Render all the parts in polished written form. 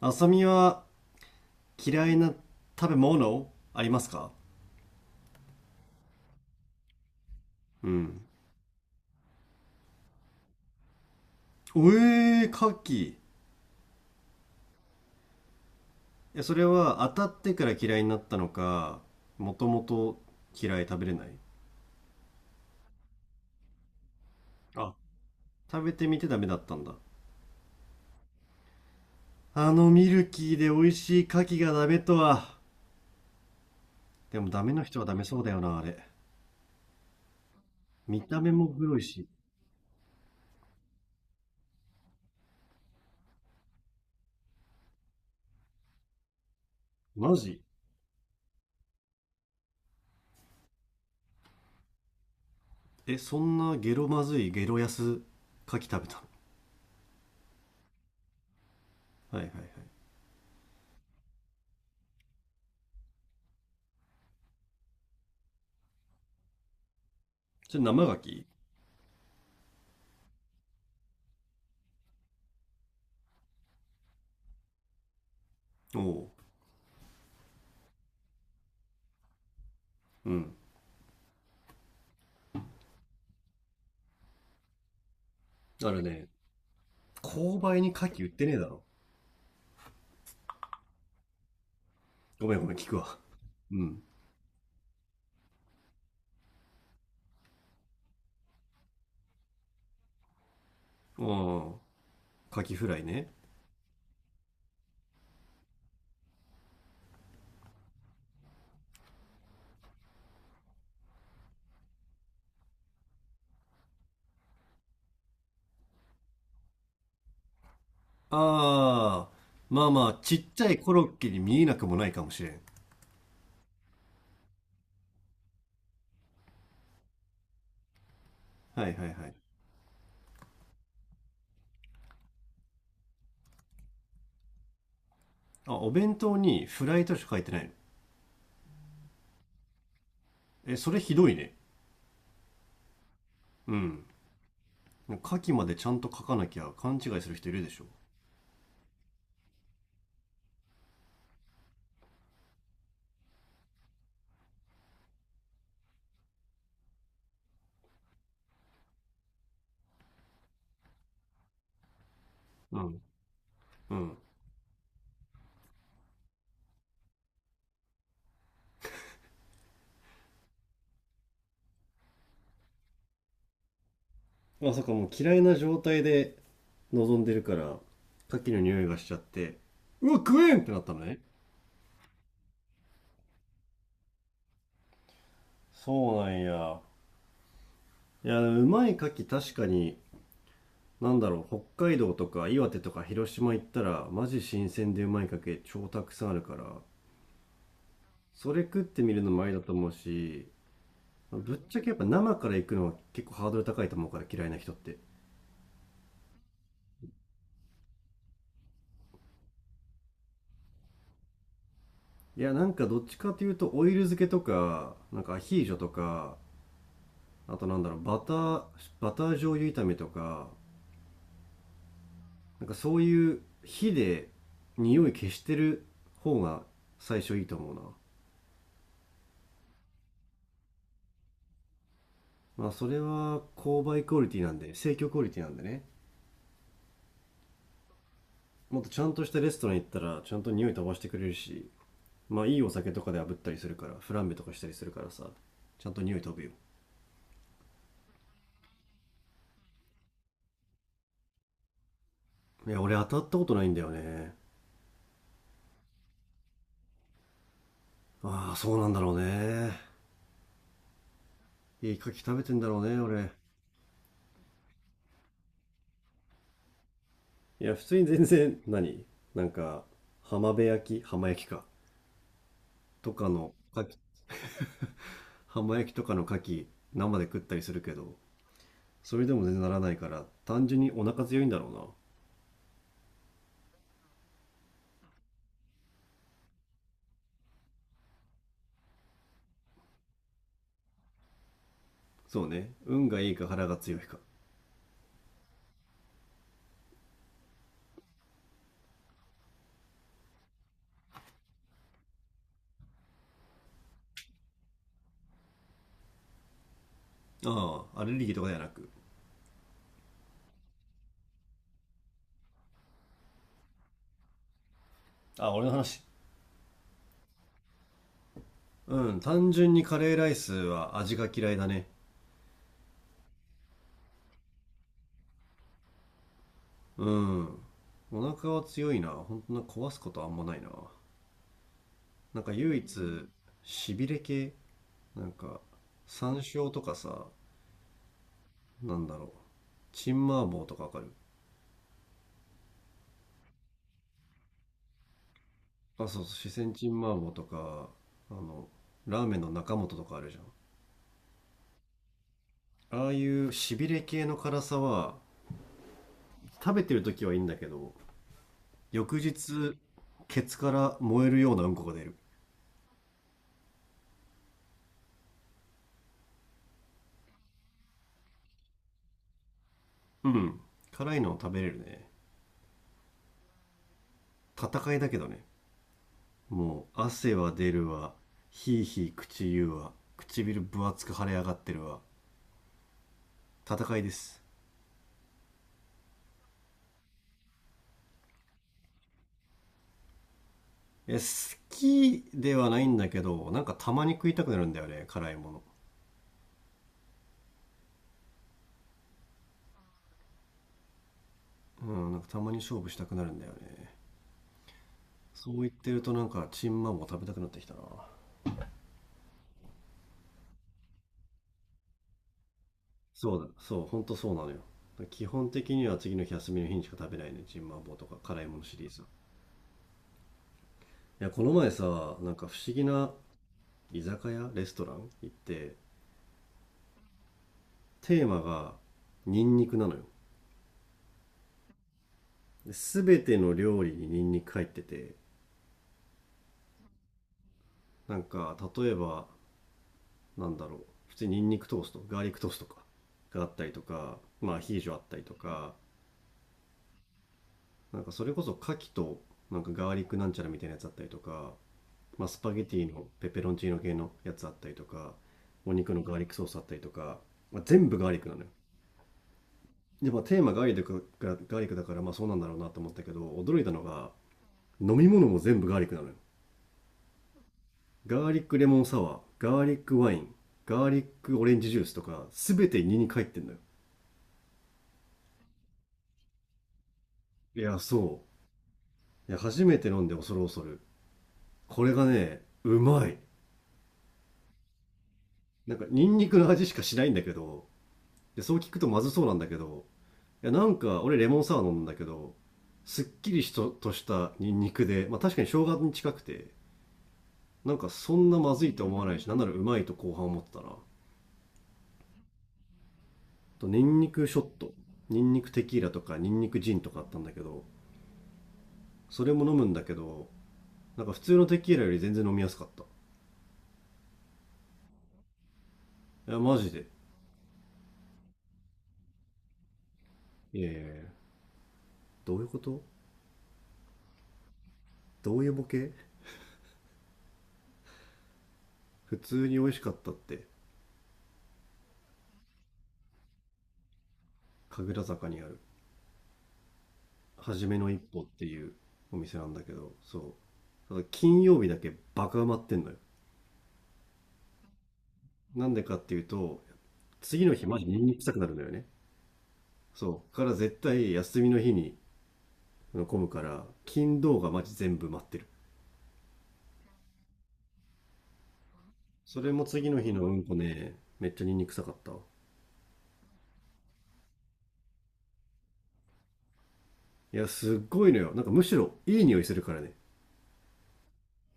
あさみは嫌いな食べ物ありますか？うん。おえー、牡蠣。え、それは当たってから嫌いになったのか、もともと嫌い食べれない？あ、食べてみてダメだったんだ。あのミルキーで美味しい牡蠣がダメとは。でもダメな人はダメそうだよな、あれ。見た目も黒いし。マジ？え、そんなゲロまずいゲロ安牡蠣食べたのはいはいはい。それ生牡蠣？おお。う。うん。あるね。購買に牡蠣売ってねえだろ。ごめんごめん、聞くわ。うん。ああ、牡蠣フライね。ああ、まあまあ、ちっちゃいコロッケに見えなくもないかもしれん。はいはいはい。あ、お弁当にフライとしか書いてないの？え、それひどいね。うん。牡蠣までちゃんと書かなきゃ勘違いする人いるでしょ。うん。うん。まさかもう嫌いな状態で望んでるから、牡蠣の匂いがしちゃって、うわ、食えんってなったのね。そうなんや。いや、うまい牡蠣確かに北海道とか岩手とか広島行ったらマジ新鮮でうまいかけ超たくさんあるから、それ食ってみるのもありだと思うし、ぶっちゃけやっぱ生から行くのは結構ハードル高いと思うから、嫌いな人って。いや、どっちかというとオイル漬けとかアヒージョとか、あとバターバター醤油炒めとか、なんかそういう火で匂い消してる方が最初いいと思うな。まあそれは購買クオリティなんで、生協クオリティなんでね。もっとちゃんとしたレストラン行ったらちゃんと匂い飛ばしてくれるし、まあいいお酒とかで炙ったりするからフランベとかしたりするからさ、ちゃんと匂い飛ぶよ。いや俺当たったことないんだよね。ああそうなんだろうね。いいカキ食べてんだろうね俺。いや普通に全然何、なんか浜辺焼き、浜焼きか、とかの牡蠣、浜焼きとかの牡蠣、生で食ったりするけど、それでも全然ならないから単純にお腹強いんだろうな。そうね、運がいいか腹が強いか。ああ、アレルギーとかではなく。あ、俺の話。うん、単純にカレーライスは味が嫌いだね。うん、お腹は強いな、本当な。壊すことあんまないな。なんか唯一しびれ系、なんか山椒とかさ、なんだろうチンマーボーとかわかる？あ、そうそう、四川チンマーボーとか、あのラーメンの中本とかあるじゃん。ああいうしびれ系の辛さは食べてる時はいいんだけど、翌日ケツから燃えるようなうんこが出る。うん、辛いの食べれるね。戦いだけどね。もう汗は出るわ、ひいひい口言うわ、唇分厚く腫れ上がってるわ、戦いです。いや、好きではないんだけど、なんかたまに食いたくなるんだよね、辛いもの。うん、なんかたまに勝負したくなるんだよね。そう言ってると、なんかチンマンも食べたくなってきたな。そうだ、そう、ほんとそうなのよ。基本的には次の日休みの日にしか食べないね、チンマンボウとか辛いものシリーズは。いやこの前さ、なんか不思議な居酒屋レストラン行って、テーマがニンニクなのよ。で全ての料理にニンニク入ってて、なんか例えば、なんだろう普通にニンニクトースト、ガーリックトーストとかがあったりとか、まあアヒージョあったりとか、なんかそれこそ牡蠣となんかガーリックなんちゃらみたいなやつあったりとか、まあ、スパゲティのペペロンチーノ系のやつあったりとか、お肉のガーリックソースあったりとか、まあ、全部ガーリックなのよ。でまあテーマガーリックだからガーリックだからまあそうなんだろうなと思ったけど、驚いたのが飲み物も全部ガーリックなのよ。ガーリックレモンサワー、ガーリックワイン、ガーリックオレンジジュースとか全て2に入ってんのよ。いやそう、いや初めて飲んで恐る恐る、これがねうまい。なんかニンニクの味しかしないんだけど、でそう聞くとまずそうなんだけど、いやなんか俺レモンサワー飲むんだけど、すっきりしととしたニンニクで、まあ、確かに生姜に近くて、なんかそんなまずいと思わないし、なんならうまいと後半思ってたな。とニンニクショット、ニンニクテキーラとかニンニクジンとかあったんだけど、それも飲むんだけど、なんか普通のテキーラより全然飲みやすかった。いやマジで。いやいやいや、どういうこと？どういうボケ？普通に美味しかったって。神楽坂にあるはじめの一歩っていうお店なんだけど、そうただ金曜日だけバカ埋まってんのよ。なんでかっていうと、次の日マジニンニク臭くなるのよね。そうから絶対休みの日に混むから、金土がマジ全部待ってる。それも次の日のうんこね、めっちゃニンニク臭かった。いや、すっごいのよ。なんかむしろいい匂いするからね。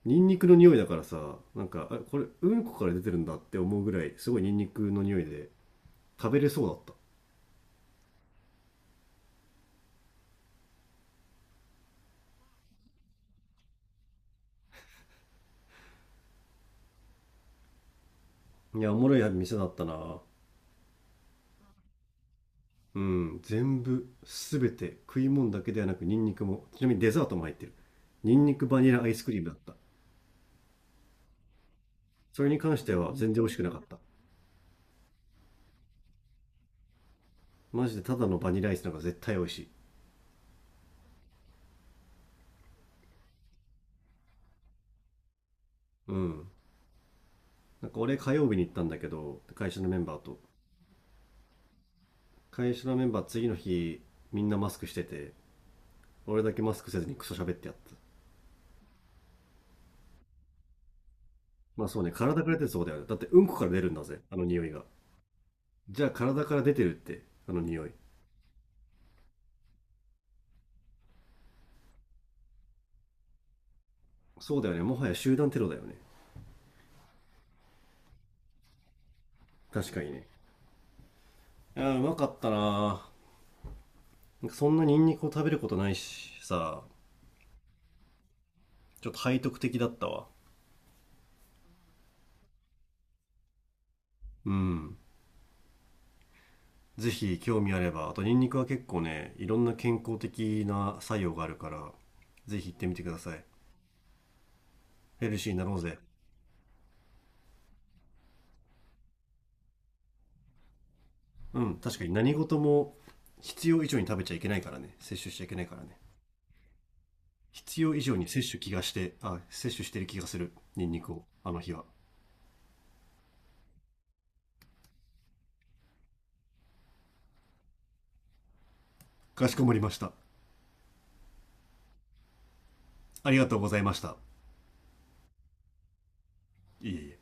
ニンニクの匂いだからさ、なんか、あこれうんこから出てるんだって思うぐらい、すごいニンニクの匂いで食べれそうだった。いや、おもろい店だったな。うん、全部、すべて、食い物だけではなくニンニクも、ちなみにデザートも入ってる。ニンニクバニラアイスクリームだった。それに関しては全然美味しくなかった。マジでただのバニラアイスなんか絶対美味しい。うん。なんか俺火曜日に行ったんだけど、会社のメンバーと。会社のメンバー次の日みんなマスクしてて、俺だけマスクせずにクソ喋ってやった。まあそうね、体から出てるそうだよね。だってうんこから出るんだぜあの匂いが。じゃあ体から出てるってあの匂い。そうだよね、もはや集団テロだよね。確かにね。あー、うまかったなー。なんかそんなニンニクを食べることないしさ、ちょっと背徳的だったわ。うん、ぜひ興味あれば、あとニンニクは結構ね、いろんな健康的な作用があるから、ぜひ行ってみてください。ヘルシーになろうぜ。うん、確かに何事も必要以上に食べちゃいけないからね、摂取しちゃいけないからね。必要以上に摂取気がして、あ、摂取してる気がする、ニンニクをあの日は。かしこまりました。ありがとうございました。いえいえ。